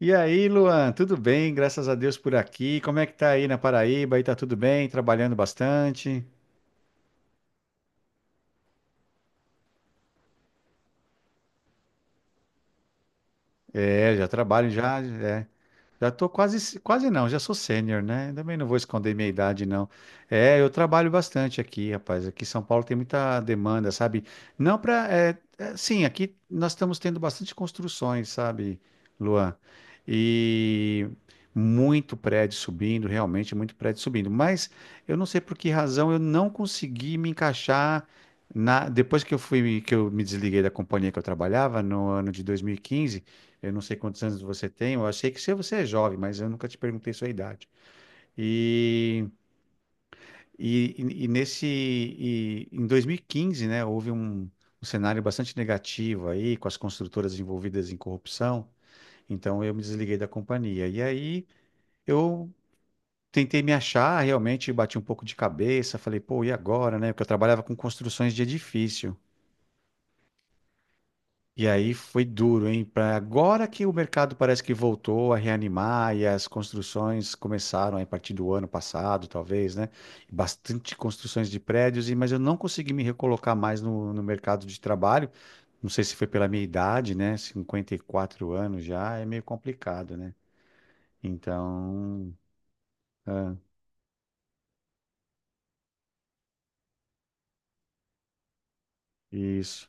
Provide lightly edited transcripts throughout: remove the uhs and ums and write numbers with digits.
E aí, Luan, tudo bem? Graças a Deus por aqui. Como é que tá aí na Paraíba? Aí tá tudo bem? Trabalhando bastante? É, já trabalho já, é. Já tô quase, quase não, já sou sênior, né? Também não vou esconder minha idade, não. É, eu trabalho bastante aqui, rapaz. Aqui em São Paulo tem muita demanda, sabe? Não para, sim, aqui nós estamos tendo bastante construções, sabe, Luan? E muito prédio subindo, realmente muito prédio subindo. Mas eu não sei por que razão eu não consegui me encaixar depois que eu fui, que eu me desliguei da companhia que eu trabalhava no ano de 2015. Eu não sei quantos anos você tem, eu achei que se você é jovem, mas eu nunca te perguntei sua idade. E, e em 2015, né, houve um cenário bastante negativo aí, com as construtoras envolvidas em corrupção, então eu me desliguei da companhia. E aí eu tentei me achar, realmente bati um pouco de cabeça, falei, pô, e agora, né? Porque eu trabalhava com construções de edifício. E aí foi duro, hein? Pra agora que o mercado parece que voltou a reanimar e as construções começaram aí a partir do ano passado, talvez, né? Bastante construções de prédios, mas eu não consegui me recolocar mais no mercado de trabalho. Não sei se foi pela minha idade, né? 54 anos já é meio complicado, né? Então, ah, isso.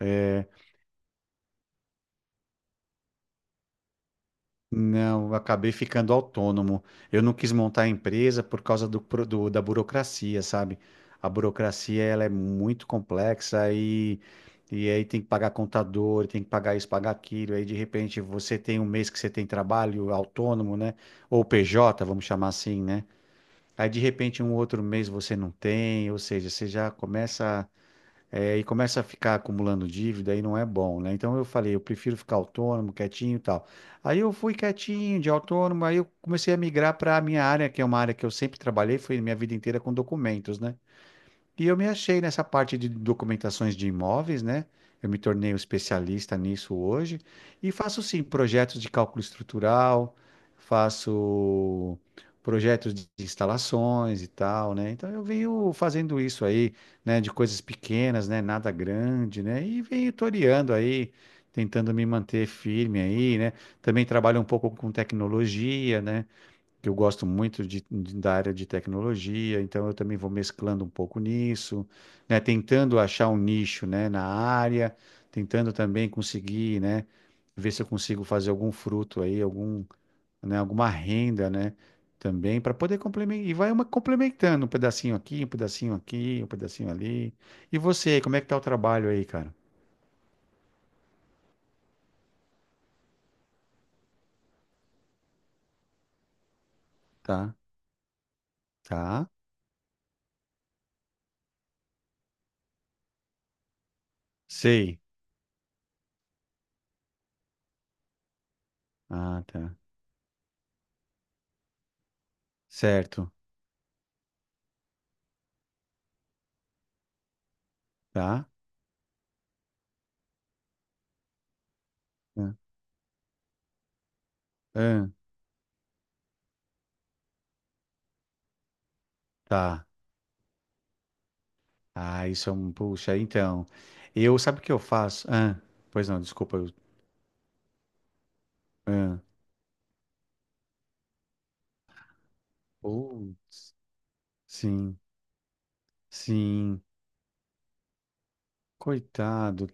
É, não, eu acabei ficando autônomo. Eu não quis montar a empresa por causa da burocracia, sabe? A burocracia ela é muito complexa e aí tem que pagar contador, tem que pagar isso, pagar aquilo. Aí de repente você tem um mês que você tem trabalho autônomo, né? Ou PJ, vamos chamar assim, né? Aí de repente um outro mês você não tem, ou seja, você já começa. É, e começa a ficar acumulando dívida aí não é bom, né? Então eu falei, eu prefiro ficar autônomo, quietinho e tal. Aí eu fui quietinho, de autônomo, aí eu comecei a migrar para a minha área, que é uma área que eu sempre trabalhei, foi minha vida inteira com documentos, né? E eu me achei nessa parte de documentações de imóveis, né? Eu me tornei um especialista nisso hoje e faço sim projetos de cálculo estrutural, faço projetos de instalações e tal, né? Então eu venho fazendo isso aí, né, de coisas pequenas, né, nada grande, né? E venho toreando aí, tentando me manter firme aí, né? Também trabalho um pouco com tecnologia, né? Que eu gosto muito da área de tecnologia, então eu também vou mesclando um pouco nisso, né? Tentando achar um nicho, né, na área, tentando também conseguir, né, ver se eu consigo fazer algum fruto aí, algum, né, alguma renda, né, também para poder complementar. E vai uma complementando um pedacinho aqui, um pedacinho aqui, um pedacinho ali. E você, como é que tá o trabalho aí, cara? Tá? Tá? Sei. Ah, tá. Certo. Tá? Ah, ah, tá. Ah, isso é um. Puxa, então. Eu, sabe o que eu faço? Ah, pois não, desculpa. Eu, ah, putz, sim, sim. Coitado.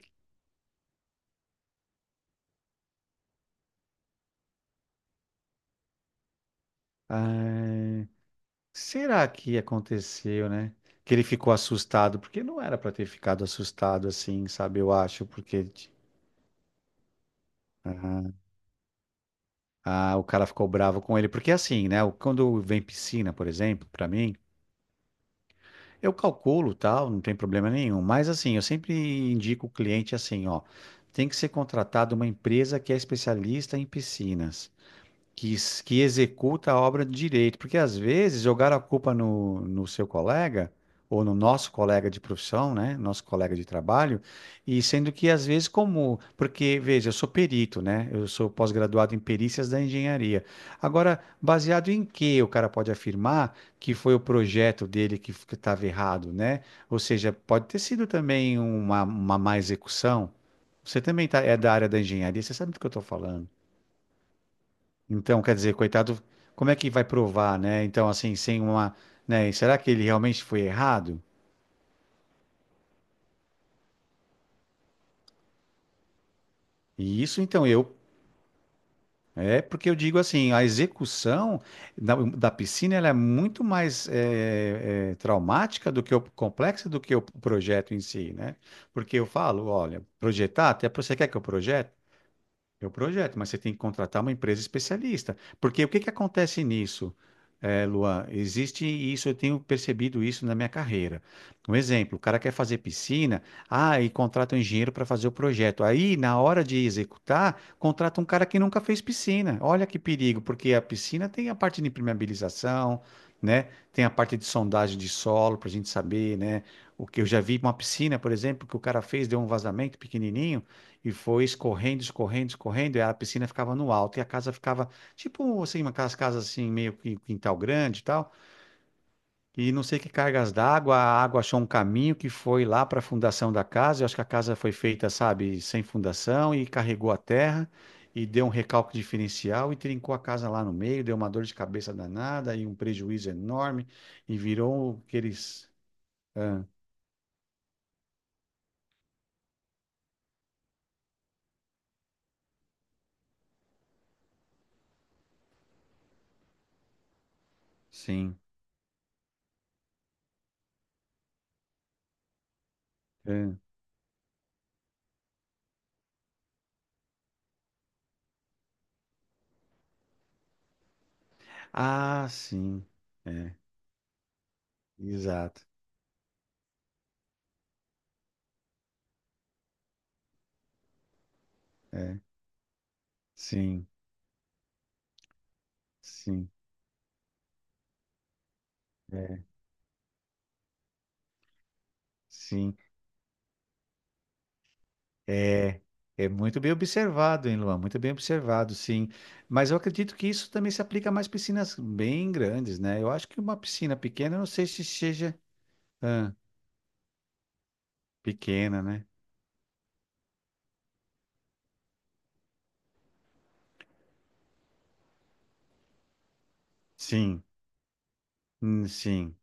Ai, será que aconteceu, né? Que ele ficou assustado, porque não era pra ter ficado assustado assim, sabe? Eu acho, porque. Ah, ah, o cara ficou bravo com ele. Porque assim, né? Quando vem piscina, por exemplo, pra mim. Eu calculo, tal, não tem problema nenhum, mas assim, eu sempre indico o cliente assim, ó, tem que ser contratado uma empresa que é especialista em piscinas que, que executa a obra de direito, porque às vezes jogar a culpa no seu colega ou no nosso colega de profissão, né, nosso colega de trabalho, e sendo que às vezes como, porque veja, eu sou perito, né, eu sou pós-graduado em perícias da engenharia. Agora, baseado em que o cara pode afirmar que foi o projeto dele que estava errado, né? Ou seja, pode ter sido também uma má execução. Você também tá, é da área da engenharia, você sabe do que eu estou falando. Então, quer dizer, coitado, como é que vai provar, né? Então, assim, sem uma, né? E será que ele realmente foi errado? E isso, então, eu, é porque eu digo assim, a execução da piscina, ela é muito mais traumática do que o complexa do que o projeto em si, né? Porque eu falo, olha, projetar, até você quer que eu projete? É o projeto, mas você tem que contratar uma empresa especialista. Porque o que que acontece nisso, Luan? Existe isso, eu tenho percebido isso na minha carreira. Um exemplo, o cara quer fazer piscina, ah, e contrata um engenheiro para fazer o projeto. Aí, na hora de executar, contrata um cara que nunca fez piscina. Olha que perigo, porque a piscina tem a parte de impermeabilização, né? Tem a parte de sondagem de solo para a gente saber, né? O que eu já vi uma piscina, por exemplo, que o cara fez, deu um vazamento pequenininho. E foi escorrendo, escorrendo, escorrendo, e a piscina ficava no alto, e a casa ficava, tipo assim, uma aquelas casas assim, meio que quintal grande e tal, e não sei que cargas d'água, a água achou um caminho que foi lá para a fundação da casa, eu acho que a casa foi feita, sabe, sem fundação, e carregou a terra, e deu um recalque diferencial, e trincou a casa lá no meio, deu uma dor de cabeça danada, e um prejuízo enorme, e virou aqueles... Ah, sim. Ah, ah, sim. É, exato. É, sim. Sim, é, sim, é, é muito bem observado, hein, Luan? Muito bem observado, sim. Mas eu acredito que isso também se aplica a mais piscinas bem grandes, né? Eu acho que uma piscina pequena, eu não sei se seja ah, pequena, né? Sim, sim.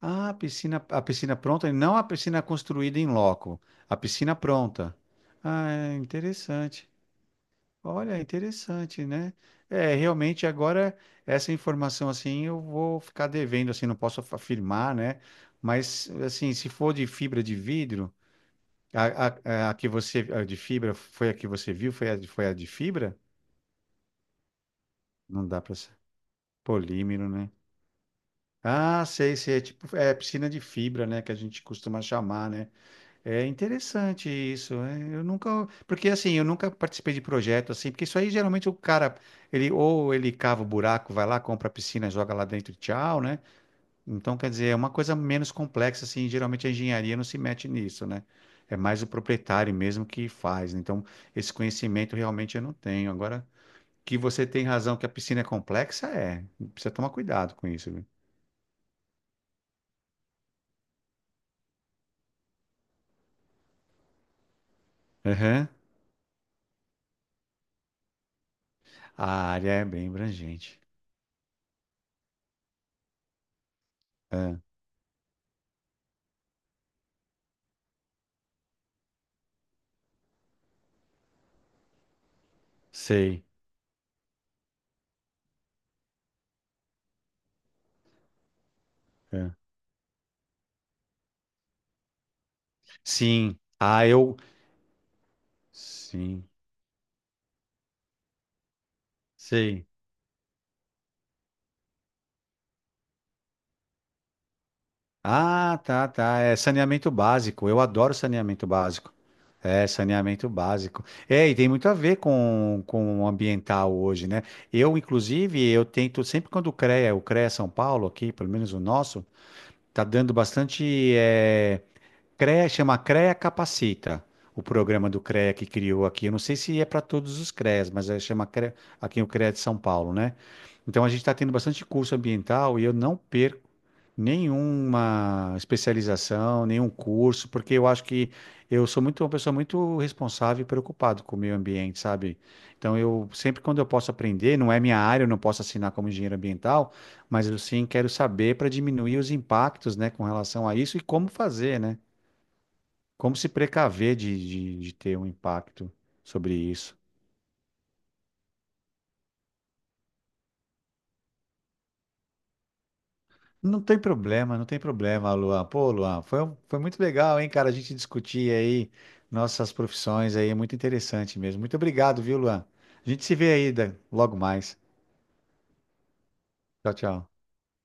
Ah, a piscina pronta, e não a piscina construída em loco, a piscina pronta. Ah, é interessante. Olha, interessante, né? É, realmente agora essa informação assim eu vou ficar devendo, assim, não posso afirmar, né? Mas assim, se for de fibra de vidro, a que você a de fibra foi a que você viu, foi a, foi a de fibra? Não dá para ser. Polímero, né? Ah, sei, sei, é tipo, é piscina de fibra, né, que a gente costuma chamar, né? É interessante isso. É, eu nunca, porque assim, eu nunca participei de projeto assim, porque isso aí geralmente o cara, ele ou ele cava o buraco, vai lá, compra a piscina, joga lá dentro e tchau, né? Então, quer dizer, é uma coisa menos complexa assim, geralmente a engenharia não se mete nisso, né? É mais o proprietário mesmo que faz. Então, esse conhecimento realmente eu não tenho. Agora, que você tem razão que a piscina é complexa, é. Precisa tomar cuidado com isso, viu? Aham. A área é bem abrangente. É, sei. Sim. Ah, eu. Sim. Sei. Ah, tá, tá. É saneamento básico. Eu adoro saneamento básico. É, saneamento básico. É, e tem muito a ver com o ambiental hoje, né? Eu, inclusive, eu tento, sempre quando o CREA São Paulo aqui, pelo menos o nosso, tá dando bastante. eh, CREA chama CREA Capacita, o programa do CREA que criou aqui. Eu não sei se é para todos os CREAs, mas é, chama CREA, aqui o CREA de São Paulo, né? Então a gente está tendo bastante curso ambiental e eu não perco nenhuma especialização, nenhum curso, porque eu acho que eu sou muito uma pessoa muito responsável e preocupado com o meio ambiente, sabe? Então eu sempre quando eu posso aprender, não é minha área, eu não posso assinar como engenheiro ambiental, mas eu sim quero saber para diminuir os impactos, né, com relação a isso e como fazer, né? Como se precaver de ter um impacto sobre isso? Não tem problema, não tem problema, Luan. Pô, Luan, foi, foi muito legal, hein, cara, a gente discutir aí nossas profissões aí, é muito interessante mesmo. Muito obrigado, viu, Luan? A gente se vê aí logo mais. Tchau, tchau.